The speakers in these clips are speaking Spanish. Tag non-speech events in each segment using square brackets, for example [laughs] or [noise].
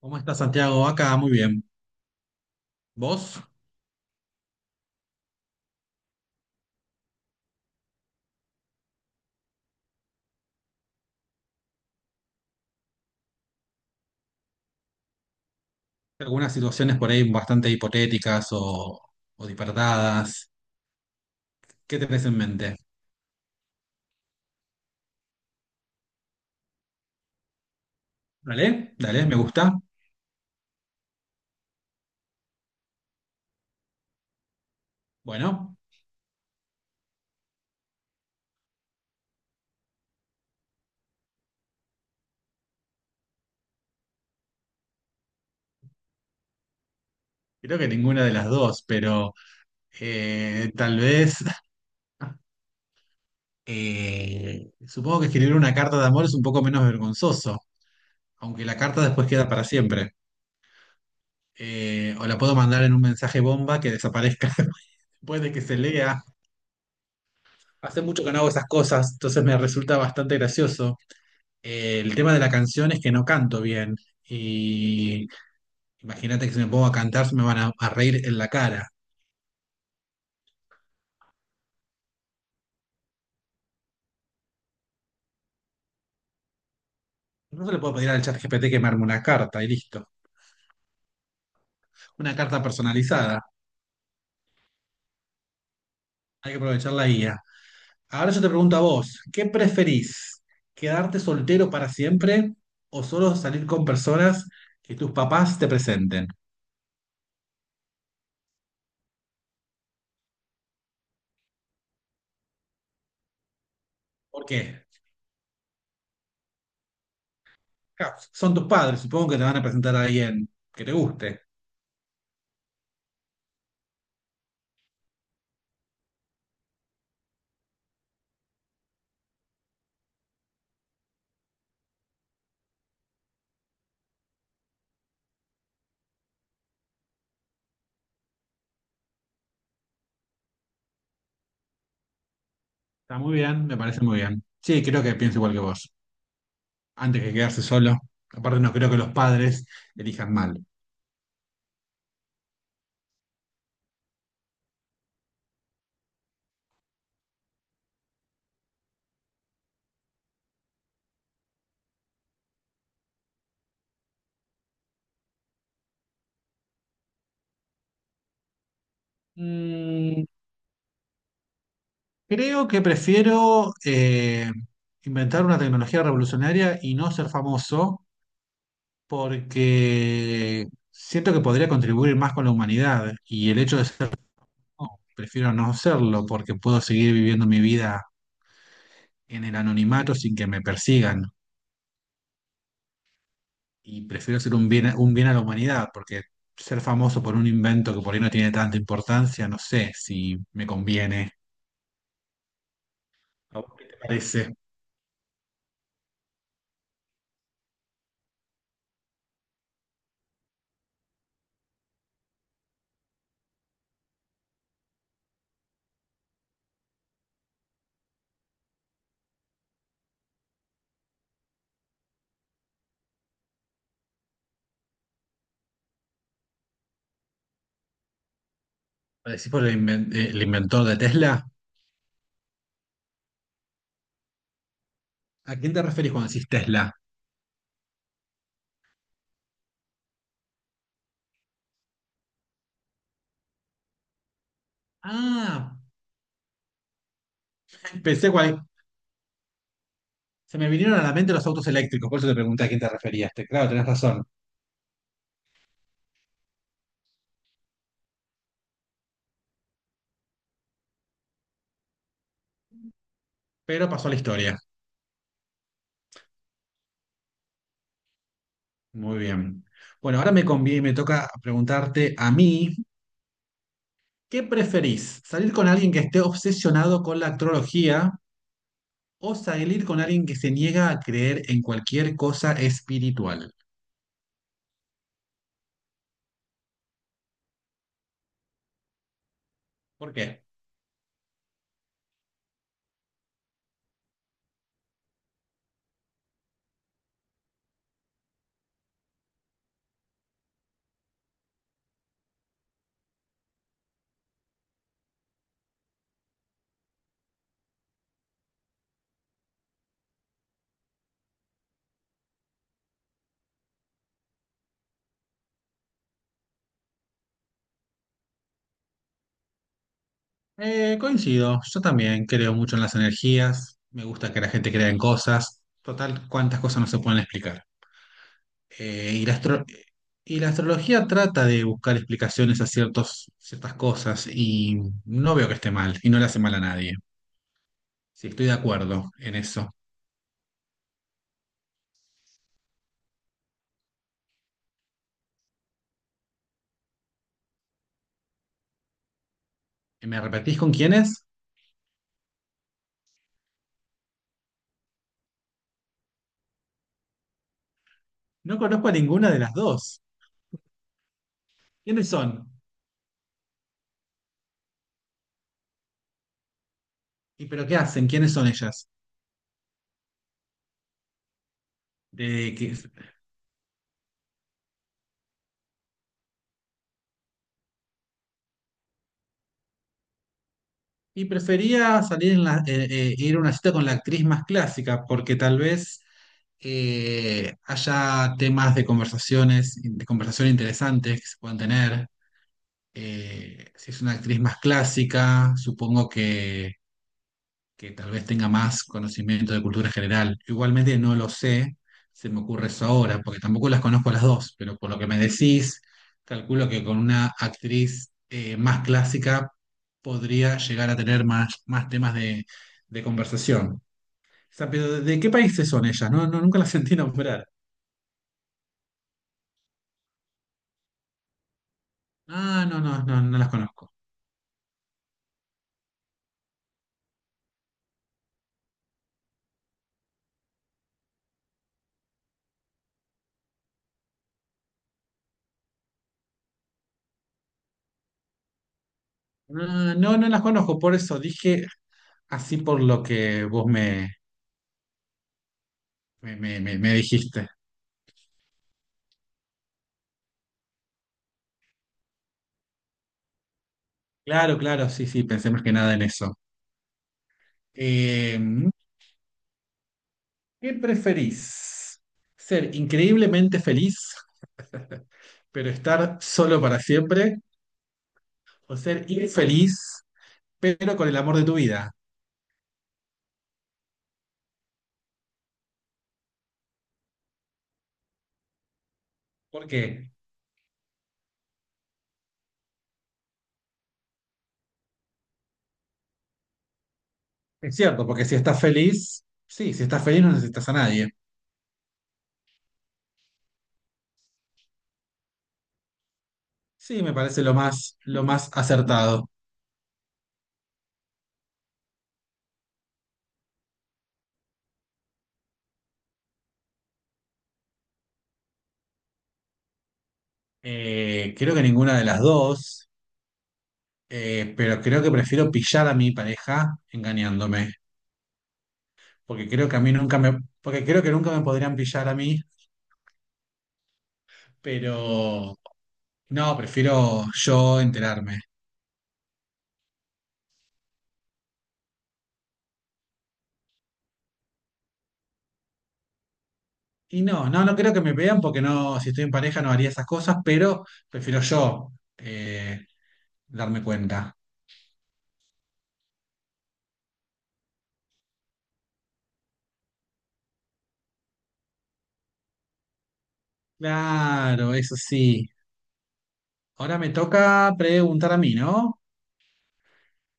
¿Cómo estás, Santiago? Acá muy bien. ¿Vos? Algunas situaciones por ahí bastante hipotéticas o disparatadas. ¿Qué tenés en mente? Dale, dale, me gusta. Bueno, creo que ninguna de las dos, pero tal vez [laughs] supongo que escribir una carta de amor es un poco menos vergonzoso, aunque la carta después queda para siempre. O la puedo mandar en un mensaje bomba que desaparezca [laughs] después de que se lea. Hace mucho que no hago esas cosas, entonces me resulta bastante gracioso. El tema de la canción es que no canto bien. Y imagínate que si me pongo a cantar, se me van a reír en la cara. No se le puedo pedir al chat GPT que me arme una carta y listo. Una carta personalizada. Hay que aprovechar la guía. Ahora yo te pregunto a vos, ¿qué preferís? ¿Quedarte soltero para siempre o solo salir con personas que tus papás te presenten? ¿Por qué? Ja, son tus padres, supongo que te van a presentar a alguien que te guste. Está muy bien, me parece muy bien. Sí, creo que pienso igual que vos, antes que quedarse solo. Aparte, no creo que los padres elijan mal. Mm, creo que prefiero inventar una tecnología revolucionaria y no ser famoso porque siento que podría contribuir más con la humanidad y el hecho de ser famoso, prefiero no serlo porque puedo seguir viviendo mi vida en el anonimato sin que me persigan y prefiero ser un bien a la humanidad porque ser famoso por un invento que por ahí no tiene tanta importancia, no sé si me conviene. ¿A vos qué te parece? ¿Parecís por el, el inventor de Tesla? ¿A quién te referís cuando decís Tesla? Ah, pensé cuál. Se me vinieron a la mente los autos eléctricos, por eso te pregunté a quién te referías. Te- Claro, tenés razón, pero pasó a la historia. Muy bien. Bueno, ahora me conviene, me toca preguntarte a mí, ¿qué preferís? ¿Salir con alguien que esté obsesionado con la astrología o salir con alguien que se niega a creer en cualquier cosa espiritual? ¿Por qué? Coincido, yo también creo mucho en las energías, me gusta que la gente crea en cosas, total, cuántas cosas no se pueden explicar. Eh, y la astro- y la astrología trata de buscar explicaciones a ciertas cosas y no veo que esté mal y no le hace mal a nadie. Sí, estoy de acuerdo en eso. ¿Me repetís con quiénes? No conozco a ninguna de las dos. ¿Quiénes son? ¿Y pero qué hacen? ¿Quiénes son ellas? ¿De qué- Y prefería salir en ir a una cita con la actriz más clásica, porque tal vez haya temas de conversación interesantes que se puedan tener. Si es una actriz más clásica, supongo que tal vez tenga más conocimiento de cultura general. Igualmente no lo sé, se me ocurre eso ahora, porque tampoco las conozco las dos, pero por lo que me decís, calculo que con una actriz más clásica podría llegar a tener más, más temas de conversación. O sea, pero ¿de qué países son ellas? No, no, nunca las sentí nombrar. Ah, no, no, no, no las conozco. Ah, no, no las conozco, por eso dije así por lo que vos me dijiste. Claro, claro, sí, sí, pensé más que nada en eso. Eh, ¿Qué preferís? ¿Ser increíblemente feliz, pero estar solo para siempre? ¿O ser infeliz, pero con el amor de tu vida? ¿Por qué? Es cierto, porque si estás feliz no necesitas a nadie. Sí, me parece lo más acertado. Creo que ninguna de las dos, pero creo que prefiero pillar a mi pareja engañándome, porque creo que a mí nunca me, porque creo que nunca me podrían pillar a mí, pero no, prefiero yo enterarme. Y no, no, no creo que me vean porque no, si estoy en pareja no haría esas cosas, pero prefiero yo eh, darme cuenta. Claro, eso sí. Ahora me toca preguntar a mí, ¿no?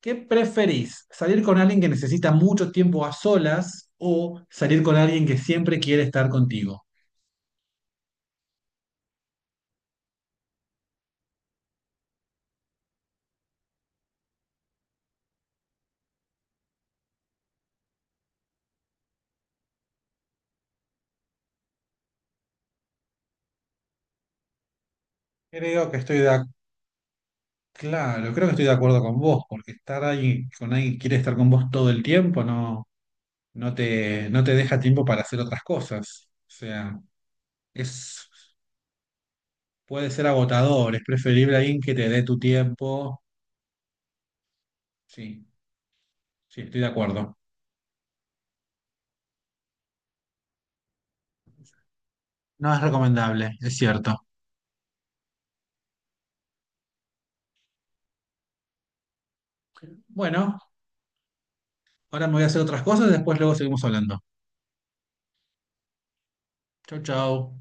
¿Qué preferís? ¿Salir con alguien que necesita mucho tiempo a solas o salir con alguien que siempre quiere estar contigo? Creo que estoy de, ac- Claro, creo que estoy de acuerdo con vos, porque estar ahí con alguien que quiere estar con vos todo el tiempo, no. No te deja tiempo para hacer otras cosas. O sea, es, puede ser agotador, es preferible alguien que te dé tu tiempo. Sí, sí, estoy de acuerdo. No es recomendable, es cierto. Bueno, ahora me voy a hacer otras cosas, después luego seguimos hablando. Chau, chau.